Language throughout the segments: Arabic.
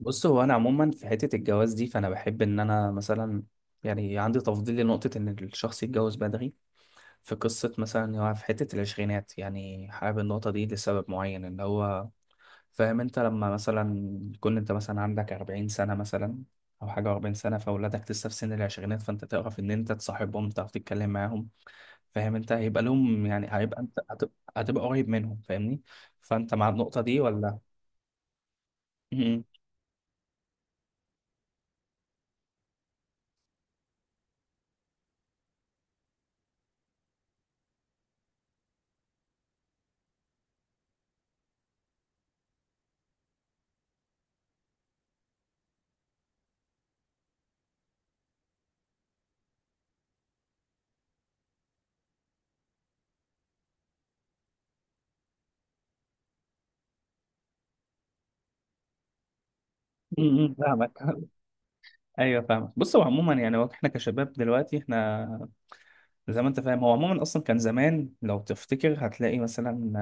بص، هو انا عموما في حته الجواز دي، فانا بحب ان انا مثلا يعني عندي تفضيل لنقطه ان الشخص يتجوز بدري. في قصه مثلا إن هو في حته العشرينات، يعني حابب النقطه دي لسبب معين. ان هو فاهم انت لما مثلا تكون انت مثلا عندك 40 سنه مثلا او حاجه، 40 سنه فاولادك لسه في سن العشرينات، فانت تعرف ان انت تصاحبهم، تعرف تتكلم معاهم. فاهم انت هيبقى لهم يعني هيبقى انت هتبقى قريب منهم، فاهمني؟ فانت مع النقطه دي ولا؟ م- فاهمك. ايوه فاهمك. بص، هو عموما يعني هو احنا كشباب دلوقتي احنا زي ما انت فاهم، هو عموما اصلا كان زمان لو تفتكر هتلاقي مثلا،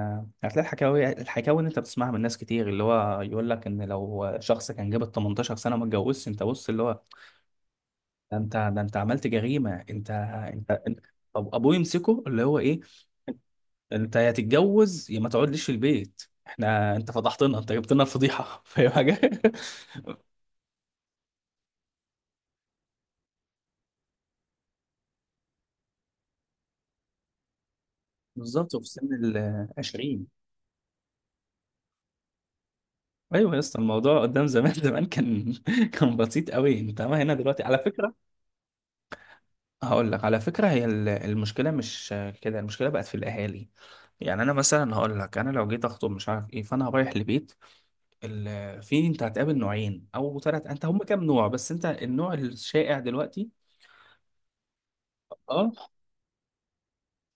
آه، هتلاقي الحكاوي اللي انت بتسمعها من ناس كتير، اللي هو يقول لك ان لو شخص كان جاب ال 18 سنه وما اتجوزش، انت بص اللي هو، ده انت عملت جريمه انت. انت طب ابوه يمسكه اللي هو ايه، انت يا تتجوز يا ما تقعدليش في البيت، احنا انت فضحتنا، انت جبت لنا الفضيحه، فاهم حاجه؟ بالظبط. وفي سن ال 20، ايوه يا اسطى الموضوع قدام زمان، زمان كان كان بسيط قوي. انت ما هنا دلوقتي على فكره، هقول لك على فكره، هي المشكله مش كده، المشكله بقت في الاهالي. يعني انا مثلا هقول لك، انا لو جيت اخطب مش عارف ايه، فانا رايح لبيت في انت هتقابل نوعين او ثلاث، انت هم كام نوع بس؟ انت النوع الشائع دلوقتي، اه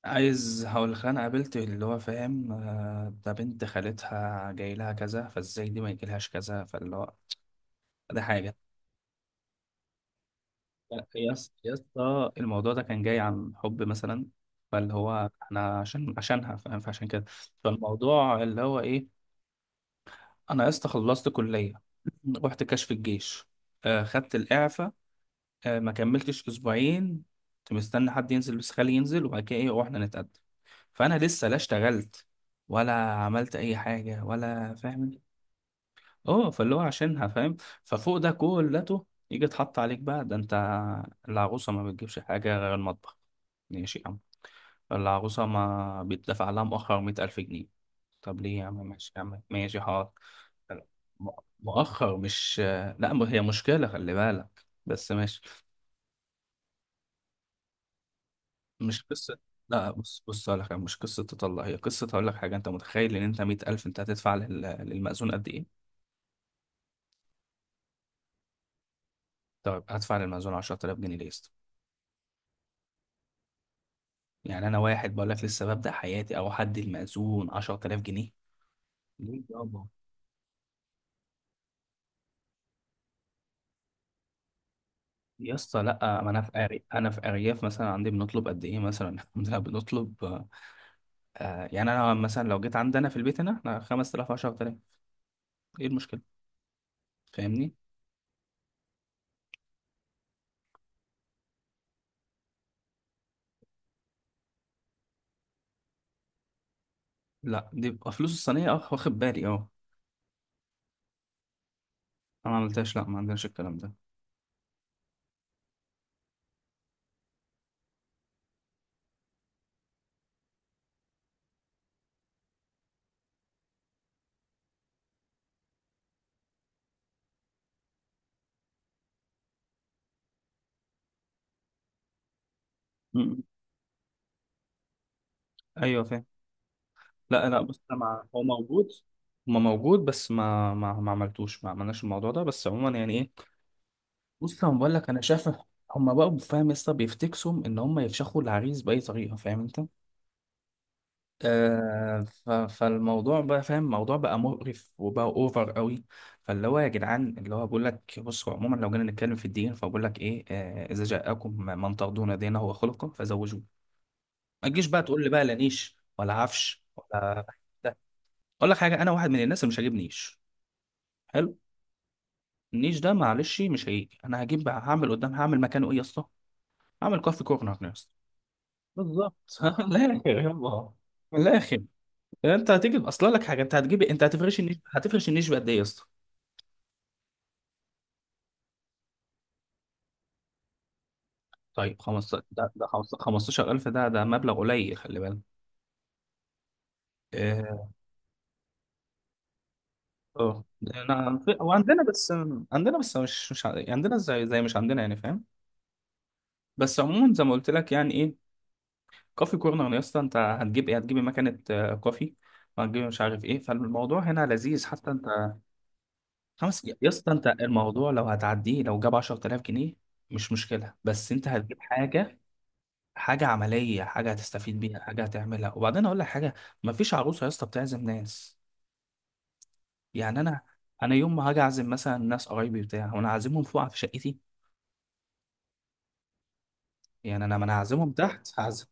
عايز هقول لك، انا قابلت اللي هو فاهم، آه، ده بنت خالتها جاي لها كذا فازاي دي ما يجيلهاش كذا، فاللي هو ده حاجه. لا، يا اسطى الموضوع ده كان جاي عن حب مثلا، فاللي هو احنا عشانها فاهم، فعشان كده. فالموضوع اللي هو ايه، انا يا اسطى خلصت كليه، رحت كشف الجيش، آه خدت الاعفاء، آه ما كملتش اسبوعين، كنت مستني حد ينزل بس، خالي ينزل وبعد كده ايه واحنا نتقدم. فانا لسه لا اشتغلت ولا عملت اي حاجه ولا فاهم. اه، فاللي هو عشانها فاهم. ففوق ده كلته يجي اتحط عليك بقى ده انت، العروسه ما بتجيبش حاجه غير المطبخ؟ ماشي يا عم. العروسه ما بيتدفع لها مؤخر مية ألف جنيه؟ طب ليه يا عم؟ ماشي يا عم، ماشي حاضر. م- مؤخر مش، لا ما هي مشكله خلي بالك، بس ماشي. مش قصه، لا بص بص هقول لك، مش قصه تطلع هي قصه، هقول لك حاجه. انت متخيل ان انت 100000 انت هتدفع للمأذون قد ايه؟ طيب هدفع للمأذون 10000 جنيه ليه؟ يعني انا واحد بقول لك لسه ببدأ حياتي، او حد المأذون 10000 جنيه ليه يابا؟ يا اسطى لا، ما انا في انا في ارياف مثلا، عندي بنطلب قد ايه مثلا؟ الحمد لله بنطلب آه. آه، يعني انا مثلا لو جيت عندنا في البيت هنا، احنا 5000 10000، ايه المشكله؟ فاهمني؟ لا دي بقى فلوس الصينيه، اه واخد بالي اه. انا ما عملتهاش، لا ما عندناش الكلام ده. م- ايوه فاهم. لا لا بص، أنا مع... هو موجود، ما موجود بس ما ما عملتوش، ما عملناش الموضوع ده بس. عموما يعني ايه، بص لما بقول لك انا شايف هما بقى فاهم لسه بيفتكسوا ان هما يفشخوا العريس باي طريقه، فاهم انت؟ آه فالموضوع بقى فاهم، الموضوع بقى مقرف وبقى اوفر قوي. فاللي هو يا جدعان اللي هو بقول لك، بصوا عموما لو جينا نتكلم في الدين فبقول لك ايه، آه اذا جاءكم من ترضون دينه وخلقه فزوجوه. ما تجيش بقى تقول لي بقى لا نيش ولا عفش ولا، ده اقول لك حاجه، انا واحد من الناس اللي مش هجيب نيش. حلو، النيش ده معلش مش هيجي، انا هجيب هعمل قدام، هعمل مكانه ايه يا اسطى؟ هعمل كوفي كورنر. بالظبط من الاخر يلا، من الاخر. انت هتجيب اصلا لك حاجه، انت هتجيب انت هتفرش النيش، هتفرش النيش بقد ايه يا اسطى؟ طيب 15 ده، 15000 ده مبلغ قليل، خلي بالك. اه آه. انا في- هو عندنا بس، عندنا بس مش مش عندنا زي زي، مش عندنا يعني، فاهم؟ بس عموما زي ما قلت لك يعني ايه، كوفي كورنر يا اسطى، انت هتجيب ايه؟ هتجيب مكنه آه، كوفي، وهتجيب مش عارف ايه، فالموضوع هنا لذيذ حتى انت. خمس يا اسطى، انت الموضوع لو هتعديه لو جاب 10000 جنيه، مش مشكله، بس انت هتجيب حاجه، حاجه عمليه، حاجه هتستفيد بيها، حاجه هتعملها. وبعدين اقول لك حاجه، مفيش عروسه يا اسطى بتعزم ناس. يعني انا، انا يوم ما هاجي اعزم مثلا ناس قرايبي بتاع، وانا عازمهم فوق في شقتي؟ يعني انا ما انا هعزمهم تحت، هعزم.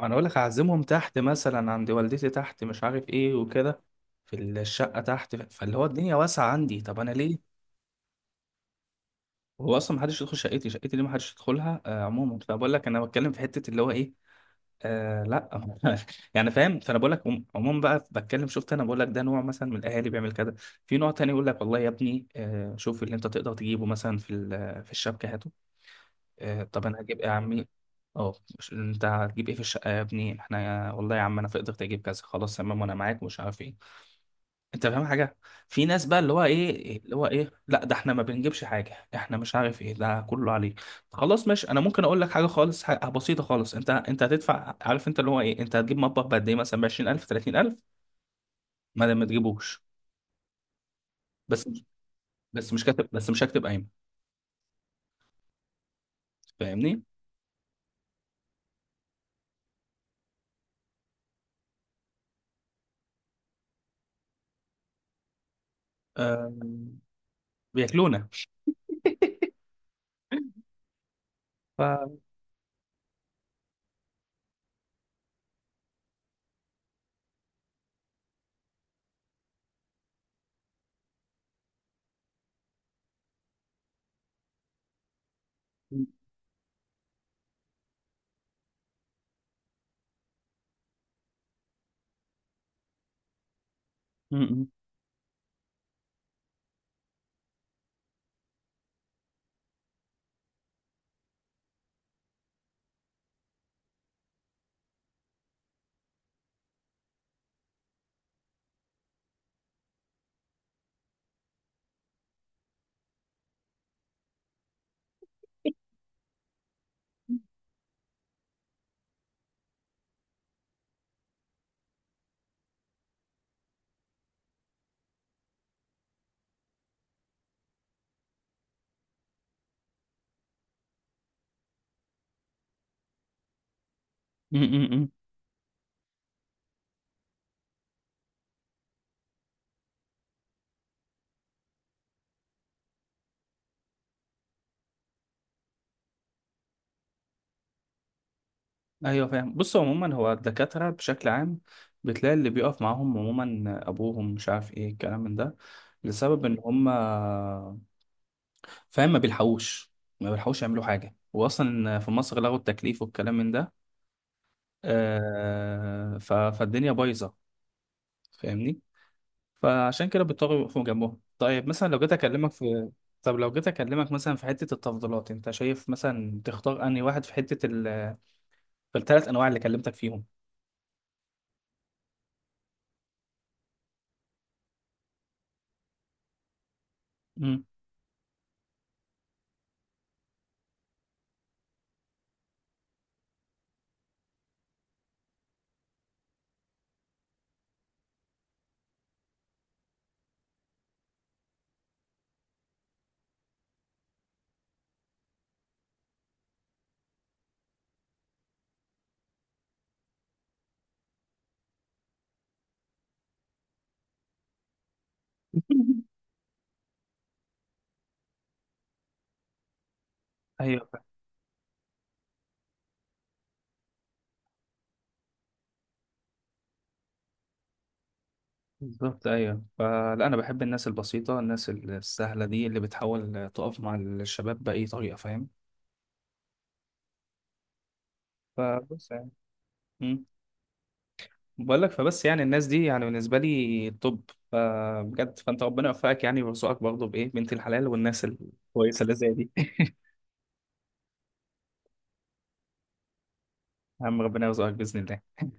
انا اقول لك هعزمهم تحت مثلا عند والدتي تحت مش عارف ايه وكده، في الشقه تحت، فاللي هو الدنيا واسعه عندي. طب انا ليه، هو اصلا ما حدش يدخل شقتي، شقتي ليه ما حدش يدخلها آه. عموما فبقول لك، انا بتكلم في حته اللي هو ايه. آه لا يعني فاهم. فانا بقول لك، عموما بقى بتكلم، شفت انا بقول لك، ده نوع مثلا من الاهالي بيعمل كده. في نوع تاني يقول لك، والله يا ابني آه شوف اللي انت تقدر تجيبه مثلا في في الشبكه، هاته. آه طب انا هجيب ايه يا عمي؟ اه انت هتجيب ايه في الشقه يا ابني؟ احنا والله يا عم، انا في قدرتي اجيب كذا خلاص تمام، وانا معاك ومش عارف ايه، انت فاهم حاجه؟ في ناس بقى اللي هو ايه اللي هو ايه، لا ده احنا ما بنجيبش حاجه، احنا مش عارف ايه ده كله عليه. خلاص ماشي، انا ممكن اقول لك حاجه خالص، حاجة بسيطه خالص، انت انت هتدفع عارف انت اللي هو ايه، انت هتجيب مطبخ بقد ايه مثلا، ب 20000 30000، ما دام ما تجيبوش بس، بس مش كاتب، بس مش هكتب قايمه، فاهمني؟ آه بياكلونا. ف م- م- م- م- م. ايوه فاهم. بص عموما، هو الدكاترة بشكل عام بتلاقي اللي بيقف معاهم عموما ابوهم مش عارف ايه الكلام من ده، لسبب ان هم فاهم ما بيلحقوش، ما بيلحقوش يعملوا حاجة، واصلا في مصر لغوا التكليف والكلام من ده. آه فالدنيا بايظة، فاهمني؟ فعشان كده بيضطروا يقفوا جنبهم. طيب مثلا لو جيت اكلمك في، طب لو جيت اكلمك مثلا في حتة التفضيلات، انت شايف مثلا تختار انهي واحد في حتة في الثلاث انواع اللي كلمتك فيهم؟ مم. ايوه بالظبط، ايوه. فلا، انا بحب الناس البسيطه، الناس السهله دي اللي بتحاول تقف مع الشباب باي طريقه، فاهم؟ فبص يعني، امم، بقول لك، فبس يعني الناس دي يعني بالنسبه لي توب، فبجد فانت ربنا يوفقك يعني ويرزقك برضه بايه، بنت الحلال والناس الكويسه اللي زي دي. يا عم ربنا يرزقك باذن الله.